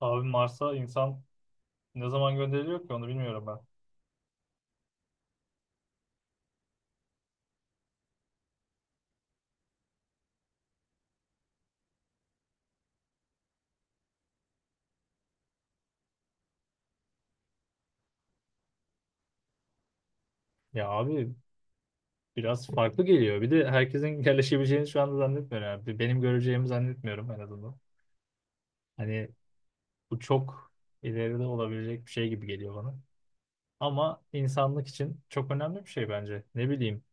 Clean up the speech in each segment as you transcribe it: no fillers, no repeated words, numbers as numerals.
Abi Mars'a insan ne zaman gönderiliyor ki onu bilmiyorum ben. Ya abi biraz farklı geliyor. Bir de herkesin yerleşebileceğini şu anda zannetmiyorum. Yani. Benim göreceğimi zannetmiyorum en azından. Hani bu çok ileride olabilecek bir şey gibi geliyor bana. Ama insanlık için çok önemli bir şey bence. Ne bileyim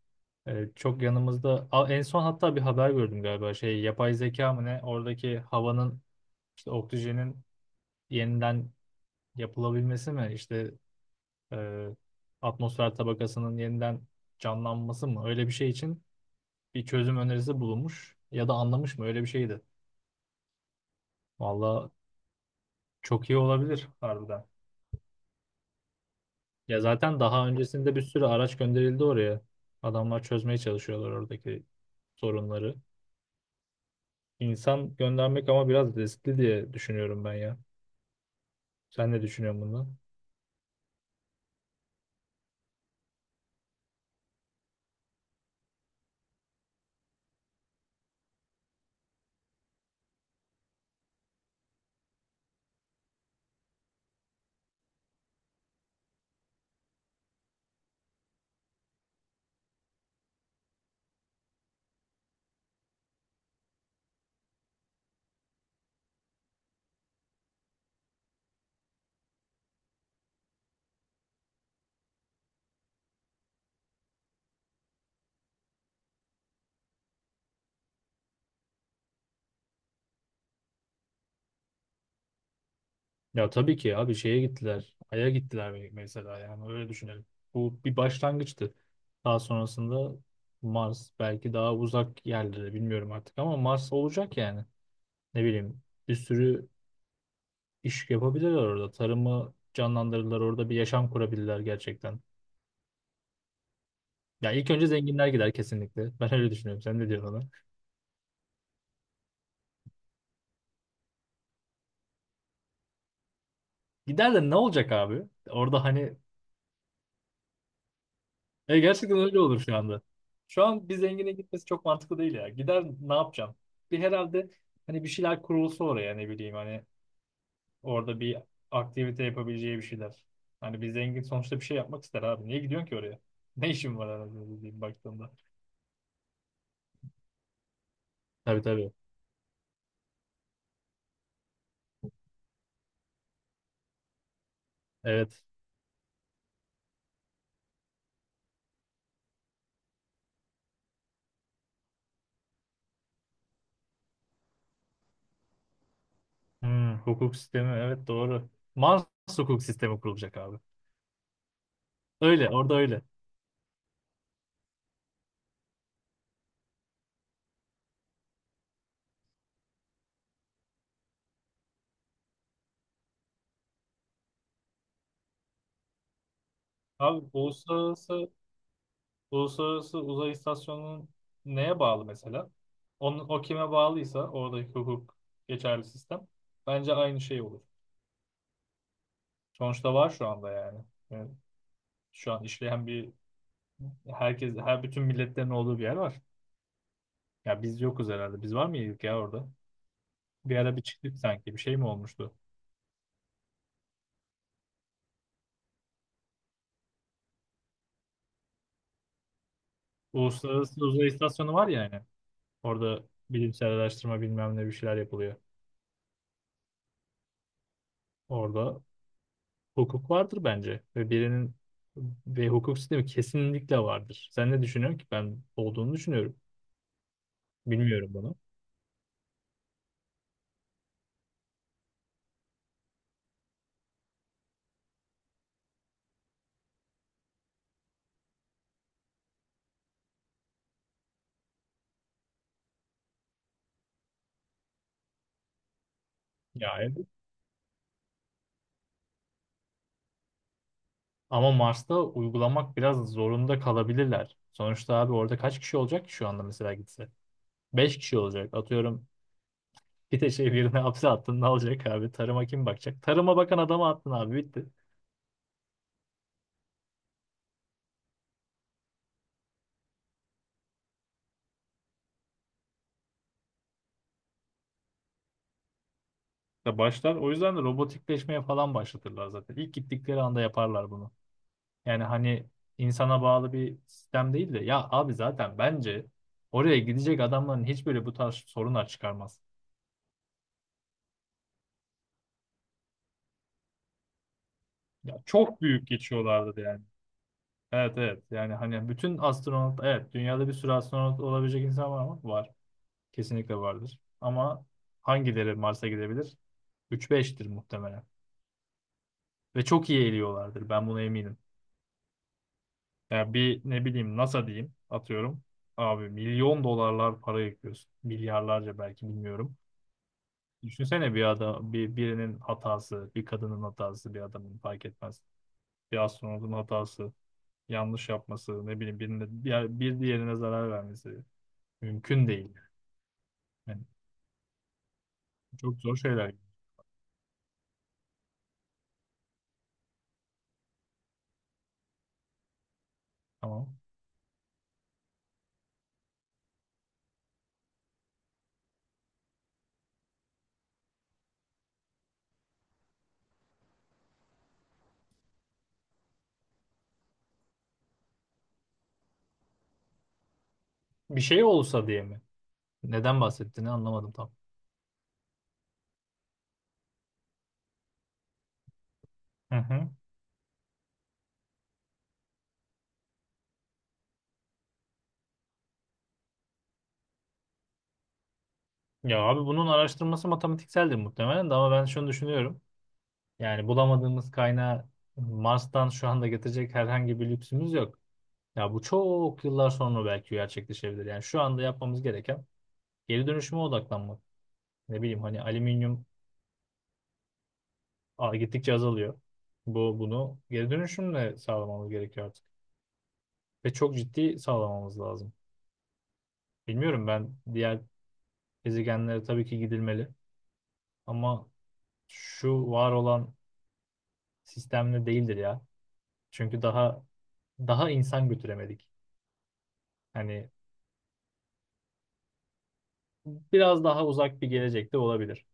çok yanımızda en son hatta bir haber gördüm galiba şey yapay zeka mı ne oradaki havanın işte oksijenin yeniden yapılabilmesi mi İşte. e, Atmosfer tabakasının yeniden canlanması mı? Öyle bir şey için bir çözüm önerisi bulunmuş ya da anlamış mı? Öyle bir şeydi. Valla çok iyi olabilir harbiden. Ya zaten daha öncesinde bir sürü araç gönderildi oraya. Adamlar çözmeye çalışıyorlar oradaki sorunları. İnsan göndermek ama biraz riskli diye düşünüyorum ben ya. Sen ne düşünüyorsun bundan? Ya tabii ki abi şeye gittiler. Ay'a gittiler, mesela yani öyle düşünelim. Bu bir başlangıçtı. Daha sonrasında Mars, belki daha uzak yerlere, bilmiyorum artık ama Mars olacak yani. Ne bileyim bir sürü iş yapabilirler orada. Tarımı canlandırırlar, orada bir yaşam kurabilirler gerçekten. Ya ilk önce zenginler gider kesinlikle. Ben öyle düşünüyorum. Sen ne diyorsun ona? Gider de ne olacak abi? Orada hani. Gerçekten öyle olur şu anda. Şu an bir zengine gitmesi çok mantıklı değil ya. Gider ne yapacağım? Bir herhalde hani bir şeyler kurulsa oraya, ne bileyim hani orada bir aktivite yapabileceği bir şeyler. Hani bir zengin sonuçta bir şey yapmak ister abi. Niye gidiyorsun ki oraya? Ne işin var herhalde dediğim baktığımda. Tabii tabii. Evet. Hmm, hukuk sistemi, evet, doğru. Mars hukuk sistemi kurulacak abi. Öyle orada, öyle. Abi Uluslararası Uzay İstasyonu'nun neye bağlı mesela? Onun, o kime bağlıysa oradaki hukuk geçerli sistem bence aynı şey olur. Sonuçta var şu anda yani. Yani şu an işleyen bir, herkes, her bütün milletlerin olduğu bir yer var. Ya biz yokuz herhalde. Biz var mıydık ya orada? Bir ara bir çıktık sanki. Bir şey mi olmuştu? Uluslararası Uzay İstasyonu var ya yani. Orada bilimsel araştırma, bilmem ne, bir şeyler yapılıyor. Orada hukuk vardır bence ve birinin ve hukuk sistemi kesinlikle vardır. Sen ne düşünüyorsun ki? Ben olduğunu düşünüyorum. Bilmiyorum bunu. Ya, evet. Ama Mars'ta uygulamak biraz zorunda kalabilirler. Sonuçta abi orada kaç kişi olacak ki şu anda mesela gitse? 5 kişi olacak. Atıyorum, bir de şey, birine hapse attın ne olacak abi? Tarıma kim bakacak? Tarıma bakan adama attın abi, bitti. Ya başlar. O yüzden de robotikleşmeye falan başlatırlar zaten. İlk gittikleri anda yaparlar bunu. Yani hani insana bağlı bir sistem değil de, ya abi zaten bence oraya gidecek adamların hiçbiri bu tarz sorunlar çıkarmaz. Ya çok büyük geçiyorlardı yani. Evet, evet, yani hani bütün astronot, evet, dünyada bir sürü astronot olabilecek insan var mı? Var. Kesinlikle vardır. Ama hangileri Mars'a gidebilir? 3-5'tir muhtemelen. Ve çok iyi eğiliyorlardır, ben buna eminim. Ya bir, ne bileyim, NASA diyeyim, atıyorum. Abi milyon dolarlar para yakıyorsun. Milyarlarca belki, bilmiyorum. Düşünsene bir adam, birinin hatası, bir kadının hatası, bir adamın, fark etmez. Bir astronotun hatası, yanlış yapması, ne bileyim birine, bir diğerine zarar vermesi mümkün değil. Yani çok zor şeyler. Tamam. Bir şey olsa diye mi? Neden bahsettiğini anlamadım tam. Hı hı. Ya abi bunun araştırması matematikseldir muhtemelen de, ama ben şunu düşünüyorum. Yani bulamadığımız kaynağı Mars'tan şu anda getirecek herhangi bir lüksümüz yok. Ya bu çok yıllar sonra belki gerçekleşebilir. Yani şu anda yapmamız gereken geri dönüşüme odaklanmak. Ne bileyim hani alüminyum gittikçe azalıyor. Bunu geri dönüşümle sağlamamız gerekiyor artık. Ve çok ciddi sağlamamız lazım. Bilmiyorum, ben diğer gezegenlere tabii ki gidilmeli, ama şu var olan sistemle değildir ya. Çünkü daha insan götüremedik. Hani biraz daha uzak bir gelecekte olabilir.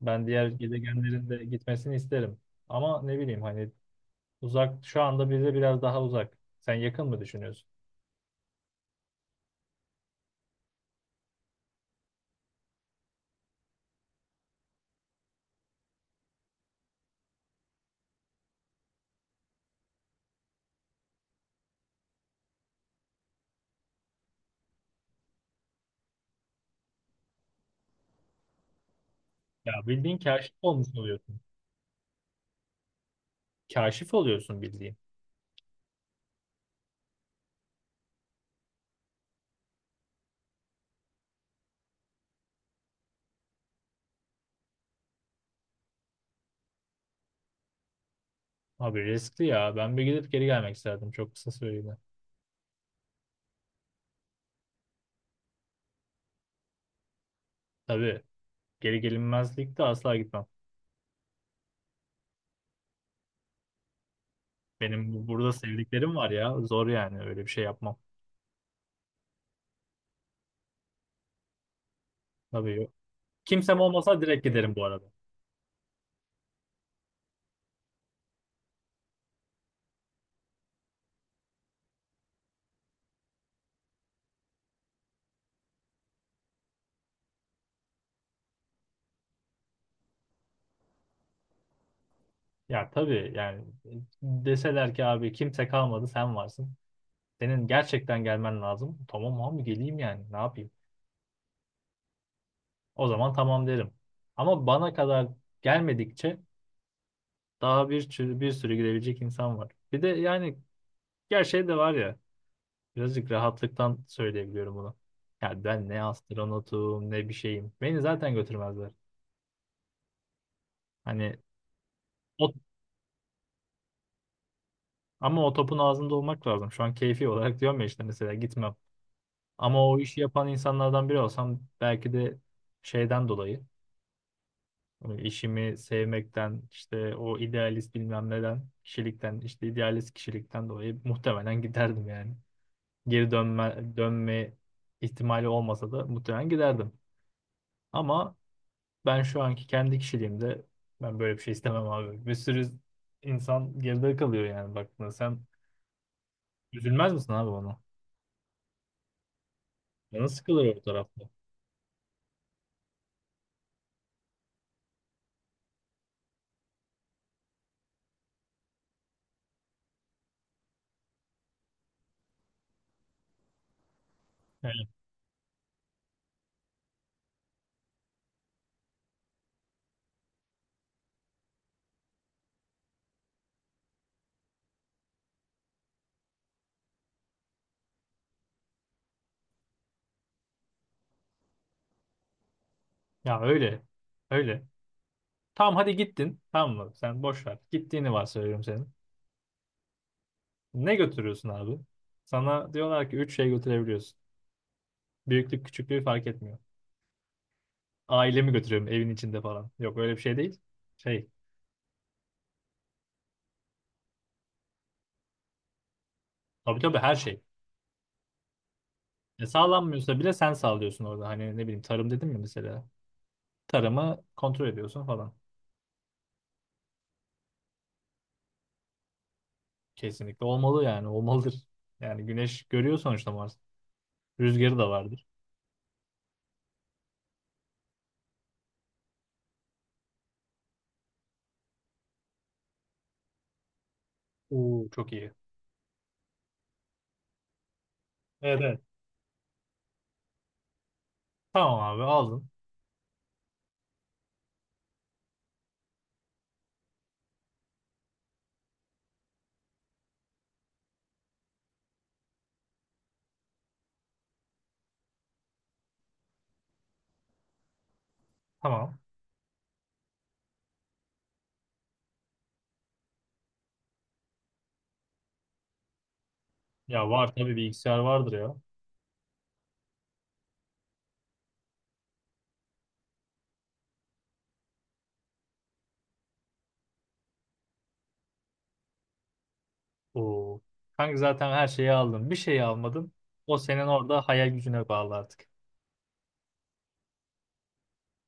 Ben diğer gezegenlerin de gitmesini isterim. Ama ne bileyim hani uzak, şu anda bize biraz daha uzak. Sen yakın mı düşünüyorsun? Ya bildiğin kaşif olmuş oluyorsun. Kaşif oluyorsun bildiğin. Abi riskli ya. Ben bir gidip geri gelmek isterdim, çok kısa süreliğine. Tabii, geri gelinmezlik de asla gitmem. Benim burada sevdiklerim var ya. Zor yani, öyle bir şey yapmam. Tabii, yok. Kimsem olmasa direkt giderim bu arada. Ya tabii, yani deseler ki abi kimse kalmadı, sen varsın. Senin gerçekten gelmen lazım. Tamam abi, geleyim yani, ne yapayım. O zaman tamam derim. Ama bana kadar gelmedikçe, daha bir sürü, bir sürü gidebilecek insan var. Bir de yani gerçeği de var ya, birazcık rahatlıktan söyleyebiliyorum bunu. Ya ben ne astronotum ne bir şeyim. Beni zaten götürmezler. Hani o, ama o topun ağzında olmak lazım. Şu an keyfi olarak diyorum ya işte, mesela gitmem. Ama o işi yapan insanlardan biri olsam, belki de şeyden dolayı, hani işimi sevmekten, işte o idealist bilmem neden kişilikten, işte idealist kişilikten dolayı muhtemelen giderdim yani. Geri dönme ihtimali olmasa da muhtemelen giderdim. Ama ben şu anki kendi kişiliğimde ben böyle bir şey istemem abi. Bir sürü insan geride kalıyor yani baktığında. Sen üzülmez misin abi ona? Canın sıkılır o tarafta. Yani, ya, öyle. Öyle. Tamam hadi gittin. Tamam mı? Sen boş ver. Gittiğini varsayıyorum senin. Ne götürüyorsun abi? Sana diyorlar ki üç şey götürebiliyorsun. Büyüklük küçüklüğü fark etmiyor. Ailemi götürüyorum evin içinde falan. Yok, öyle bir şey değil. Şey. Tabii tabii, her şey. Sağlanmıyorsa bile sen sağlıyorsun orada. Hani ne bileyim, tarım dedim mi mesela? Tarımı kontrol ediyorsun falan. Kesinlikle olmalı, yani olmalıdır. Yani güneş görüyor sonuçta Mars. Rüzgarı da vardır. Oo, çok iyi. Evet, evet. Tamam abi aldın. Tamam. Ya var tabii, bilgisayar vardır ya. Oo. Kanka zaten her şeyi aldın. Bir şeyi almadın. O senin orada hayal gücüne bağlı artık.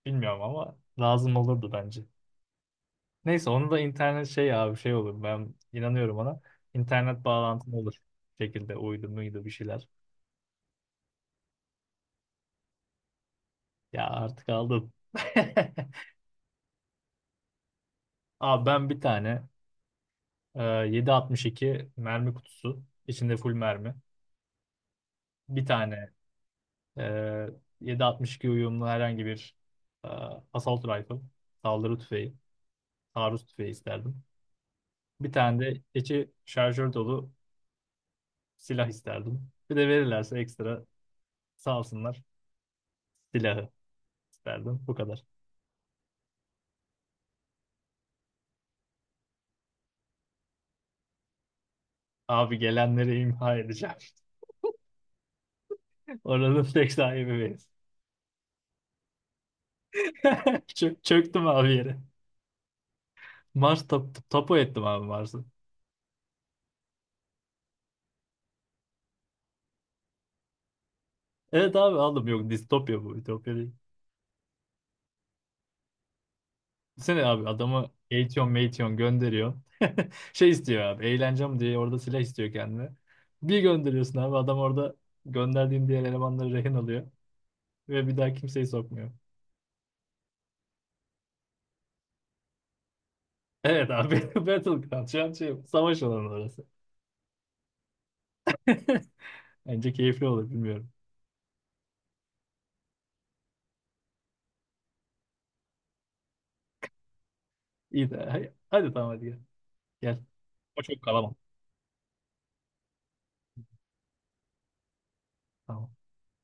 Bilmiyorum ama lazım olurdu bence. Neyse onu da internet şey abi, şey olur. Ben inanıyorum ona. İnternet bağlantın olur. Bir şekilde uydu muydu bir şeyler. Ya artık aldım. Abi ben bir tane 7.62 mermi kutusu, içinde full mermi. Bir tane e, 7.62 uyumlu herhangi bir e, assault rifle. Saldırı tüfeği. Taarruz tüfeği isterdim. Bir tane de içi şarjör dolu silah isterdim. Bir de verirlerse ekstra, sağ olsunlar, silahı isterdim. Bu kadar. Abi gelenleri imha edeceğim. Oranın tek sahibi beyiz. Çöktüm abi yere. Mars, tapu ettim abi Mars'ı. Evet abi aldım. Yok, distopya bu. Ütopya değil. Düşünsene abi, adamı eğitiyor meğitiyor gönderiyor. Şey istiyor abi. Eğlencem diye orada silah istiyor kendine. Bir gönderiyorsun abi. Adam orada gönderdiğin diğer elemanları rehin alıyor. Ve bir daha kimseyi sokmuyor. Evet abi. Battleground. Şu an şey, savaş alanı orası. Bence keyifli olur, bilmiyorum. İyi de hadi hadi tamam, hadi gel. Gel. Ama çok kalamam. Tamam.